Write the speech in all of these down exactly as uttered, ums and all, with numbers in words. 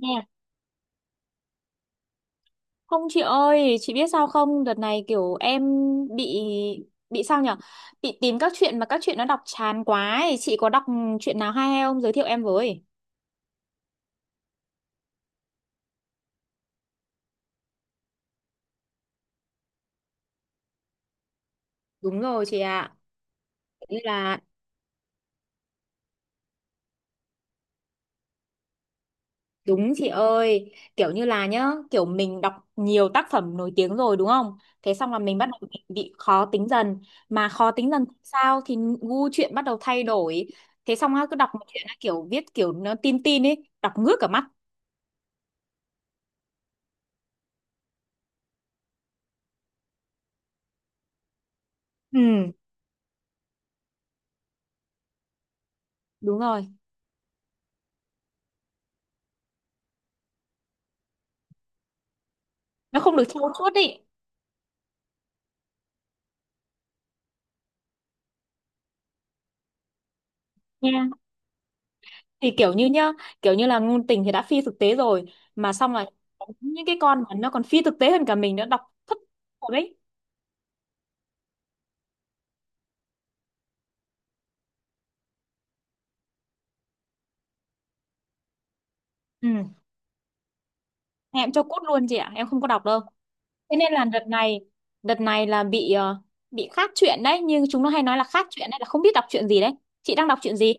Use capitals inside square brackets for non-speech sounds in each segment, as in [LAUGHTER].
Nè, không chị ơi, chị biết sao không? Đợt này kiểu em bị bị sao nhở? Bị tìm các chuyện mà các chuyện nó đọc chán quá ấy. Chị có đọc chuyện nào hay hay không? Giới thiệu em với. Đúng rồi chị ạ. Kiểu như là đúng chị ơi, kiểu như là nhá, kiểu mình đọc nhiều tác phẩm nổi tiếng rồi đúng không? Thế xong là mình bắt đầu bị bị khó tính dần, mà khó tính dần thì sao thì gu chuyện bắt đầu thay đổi. Thế xong á, cứ đọc một chuyện á, kiểu viết kiểu nó tin tin ấy, đọc ngước cả mắt. Ừ. Đúng rồi. Nó không được trau chuốt ý nha, thì kiểu như nhá, kiểu như là ngôn tình thì đã phi thực tế rồi, mà xong là có những cái con mà nó còn phi thực tế hơn cả mình nó đọc thất rồi đấy. Ừ. Em cho cút luôn chị ạ, em không có đọc đâu. Thế nên là đợt này, đợt này là bị ờ, bị khác chuyện đấy, nhưng chúng nó hay nói là khác chuyện đấy là không biết đọc chuyện gì đấy. Chị đang đọc chuyện gì?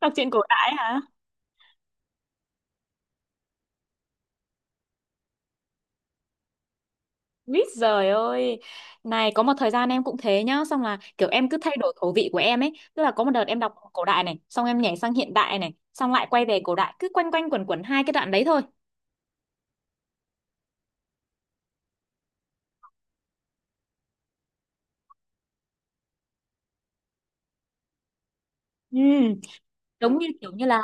Đọc chuyện cổ đại hả? Mít giời ơi. Này có một thời gian em cũng thế nhá. Xong là kiểu em cứ thay đổi khẩu vị của em ấy. Tức là có một đợt em đọc cổ đại này, xong em nhảy sang hiện đại này, xong lại quay về cổ đại. Cứ quanh quanh quẩn quẩn hai cái đoạn đấy thôi. Ừ, giống như kiểu như là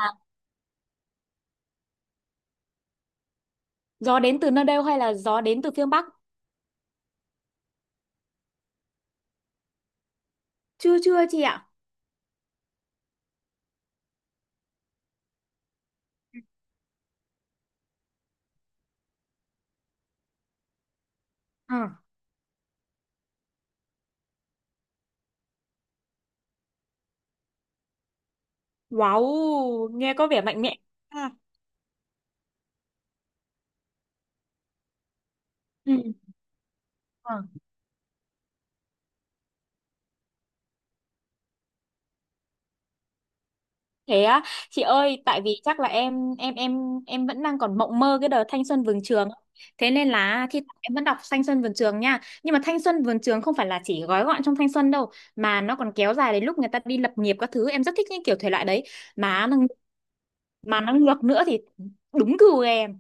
gió đến từ nơi đâu hay là gió đến từ phương Bắc? Chưa chưa chị ạ. À. Wow, nghe có vẻ mạnh mẽ. À. Ừ. Thế á, chị ơi, tại vì chắc là em em em em vẫn đang còn mộng mơ cái đợt thanh xuân vườn trường. Thế nên là thi thoảng em vẫn đọc thanh xuân vườn trường nha. Nhưng mà thanh xuân vườn trường không phải là chỉ gói gọn trong thanh xuân đâu, mà nó còn kéo dài đến lúc người ta đi lập nghiệp các thứ. Em rất thích những kiểu thể loại đấy. Mà nó, mà nó ngược nữa thì đúng gu em.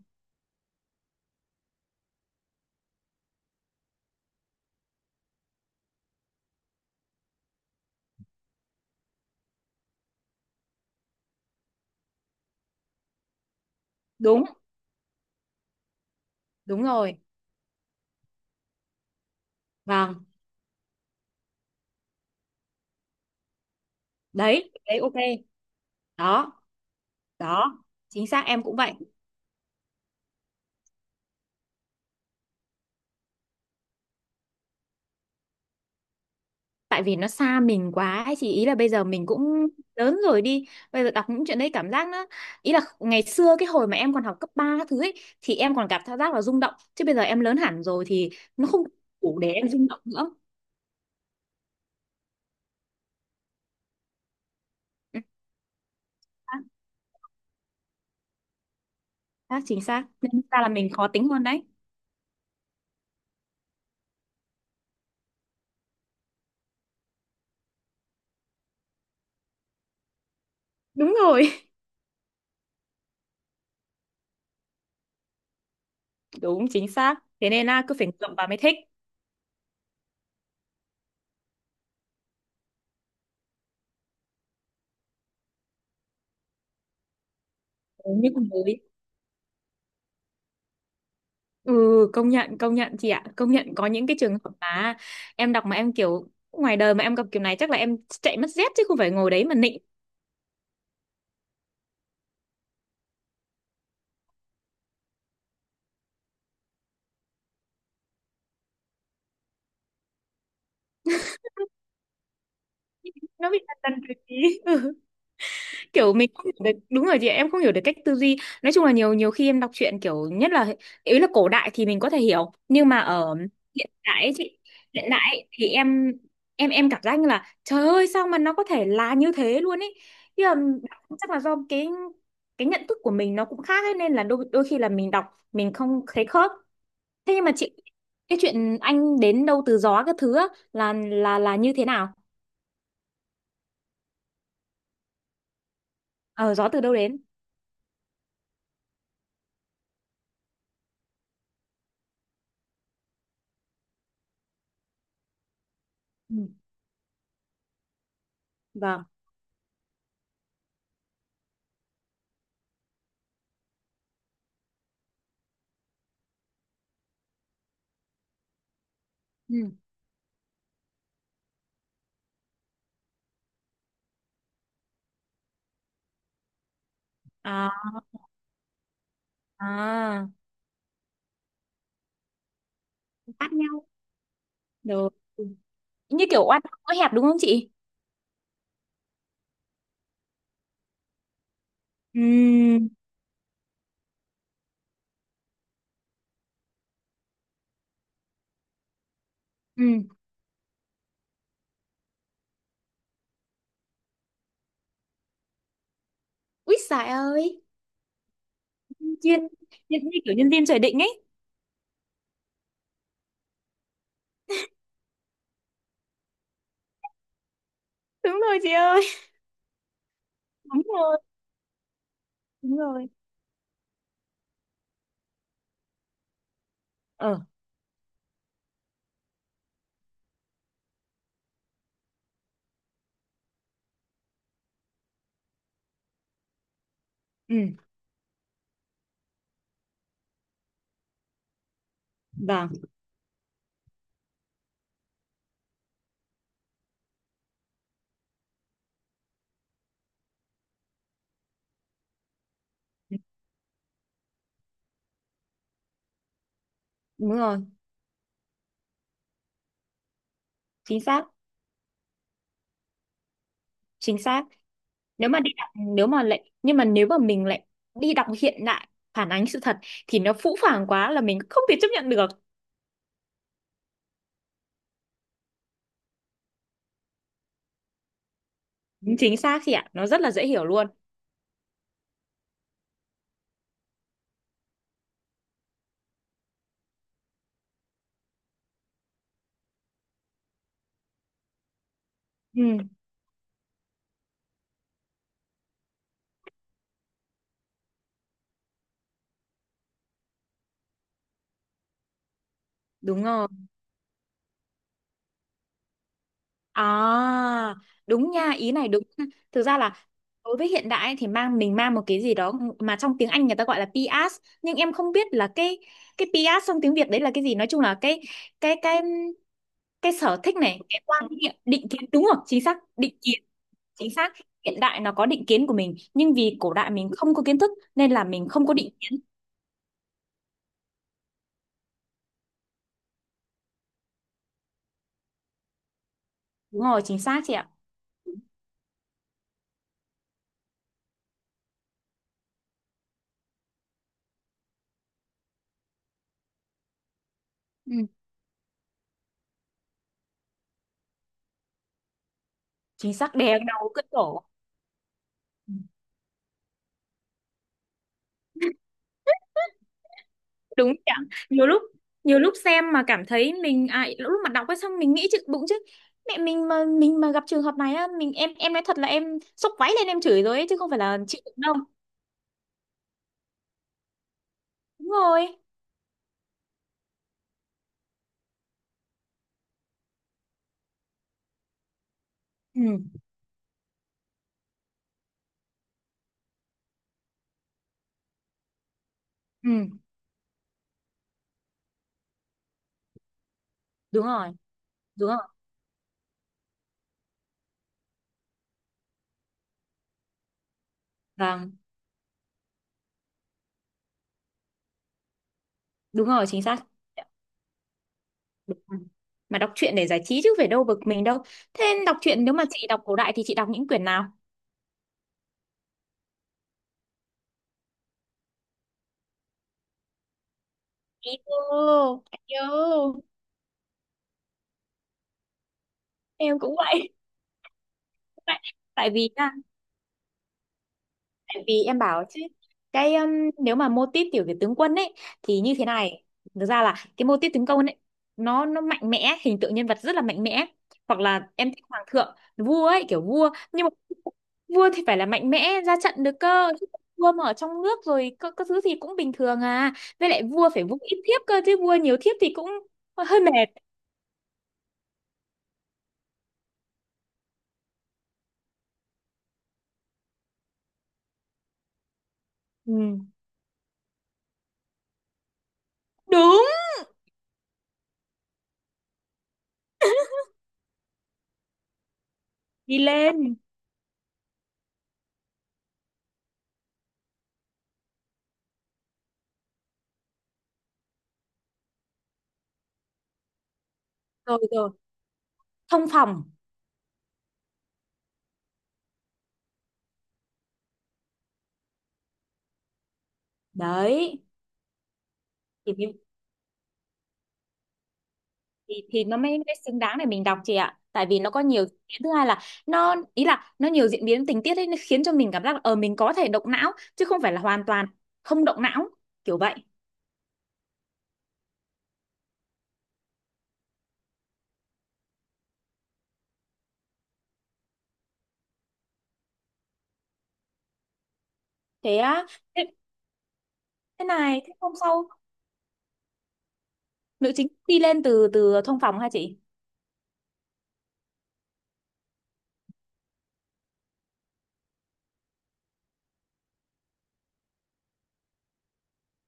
Đúng, đúng rồi. Vâng, đấy, đấy ok. Đó, đó. Chính xác em cũng vậy. Tại vì nó xa mình quá ấy chị, ý là bây giờ mình cũng lớn rồi đi, bây giờ đọc những chuyện đấy cảm giác nó, ý là ngày xưa cái hồi mà em còn học cấp ba các thứ ấy thì em còn cảm giác là rung động, chứ bây giờ em lớn hẳn rồi thì nó không đủ để em rung động nữa. Ừ, xác xác, chính xác nên ra là mình khó tính hơn đấy. Đúng rồi. [LAUGHS] Đúng chính xác. Thế nên là cứ phải ngậm vào mới thích. Ừ, như con mới. Ừ, công nhận công nhận chị ạ, công nhận có những cái trường hợp mà em đọc mà em kiểu ngoài đời mà em gặp kiểu này chắc là em chạy mất dép chứ không phải ngồi đấy mà nịnh. Nó bị đần đần trí. [LAUGHS] Kiểu mình không hiểu được, đúng rồi chị ạ, em không hiểu được cách tư duy. Nói chung là nhiều nhiều khi em đọc truyện kiểu nhất là, ý là cổ đại thì mình có thể hiểu, nhưng mà ở hiện đại ấy chị, hiện đại ấy, thì em em em cảm giác như là trời ơi sao mà nó có thể là như thế luôn ấy, nhưng mà chắc là do cái cái nhận thức của mình nó cũng khác ấy, nên là đôi đôi khi là mình đọc mình không thấy khớp. Thế nhưng mà chị, cái chuyện anh đến đâu từ gió các thứ á, là là là như thế nào? Ờ gió từ đâu đến. Ừ. Vâng. Ừ. À. À. Bắt nhau. Rồi. Như kiểu oan có hẹp đúng không chị? Ừ. Ừ. Úi giời ơi. Duyên, duyên như kiểu nhân viên trời định ấy. Đúng rồi chị ơi. Đúng rồi, đúng rồi. Ờ. Ừ. Vâng. Đúng rồi. Chính xác. Chính xác. Nếu mà đi đọc, nếu mà lại, nhưng mà nếu mà mình lại đi đọc hiện đại phản ánh sự thật thì nó phũ phàng quá là mình không thể chấp nhận được. Chính xác chị ạ. Nó rất là dễ hiểu luôn. Ừ. Đúng rồi. À, đúng nha, ý này đúng nha. Thực ra là đối với hiện đại ấy, thì mang mình mang một cái gì đó mà trong tiếng Anh người ta gọi là pê ét, nhưng em không biết là cái cái pê ét trong tiếng Việt đấy là cái gì. Nói chung là cái cái cái cái sở thích này, cái quan niệm, định kiến đúng không? Chính xác, định kiến, chính xác. Hiện đại nó có định kiến của mình, nhưng vì cổ đại mình không có kiến thức nên là mình không có định kiến. Đúng rồi, chính xác chị ạ. Ừ, chính xác, đè đầu cất cổ. Đúng nhỉ. Nhiều lúc nhiều lúc xem mà cảm thấy mình à, lúc mà đọc ấy xong mình nghĩ chứ bụng chứ mẹ mình mà mình mà gặp trường hợp này á mình, em em nói thật là em xốc váy lên em chửi rồi ấy chứ không phải là chịu đựng đâu. Đúng rồi. Ừ. Ừ đúng rồi. Đúng rồi. Vâng. Đúng rồi chính xác. Ừ. Mà đọc truyện để giải trí chứ phải đâu bực mình đâu. Thế đọc truyện nếu mà chị đọc cổ đại thì chị đọc những quyển nào? Ý yêu, em cũng vậy. [LAUGHS] tại tại vì nha, tại vì em bảo chứ cái um, nếu mà mô típ kiểu về tướng quân ấy thì như thế này, thực ra là cái mô típ tướng quân ấy nó nó mạnh mẽ, hình tượng nhân vật rất là mạnh mẽ. Hoặc là em thích hoàng thượng vua ấy, kiểu vua nhưng mà vua thì phải là mạnh mẽ ra trận được cơ. Chứ vua mà ở trong nước rồi các các thứ gì cũng bình thường à. Với lại vua phải vung ít thiếp cơ, chứ vua nhiều thiếp thì cũng hơi mệt. Ừ. Đúng. Đi lên. Rồi rồi. Thông phòng. Đấy thì cái, thì, thì nó mới mới xứng đáng để mình đọc chị ạ, tại vì nó có nhiều diễn biến. Thứ hai là nó, ý là nó nhiều diễn biến tình tiết ấy nó khiến cho mình cảm giác là ờ mình có thể động não chứ không phải là hoàn toàn không động não, kiểu vậy. Thế á, thế, thế này thế hôm sau, nữ chính đi lên từ từ thông phòng hả chị?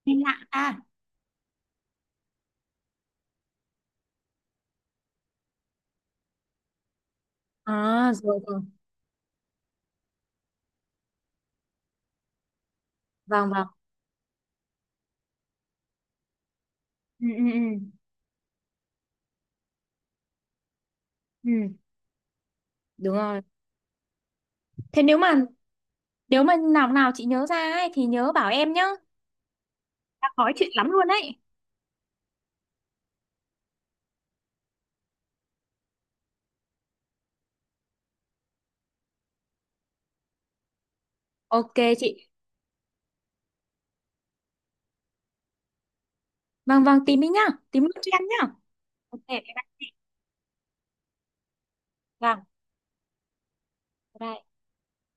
Đi lại à? À rồi rồi. Vâng vâng. Ừ, ừ, ừ, ừ, đúng rồi. Thế nếu mà, nếu mà nào nào chị nhớ ra ấy, thì nhớ bảo em nhá. Đang nói chuyện lắm luôn đấy. Ok chị. Vâng vâng, tìm đi nhá. Tìm cho em nhá. Ok. Vâng. Bye bye.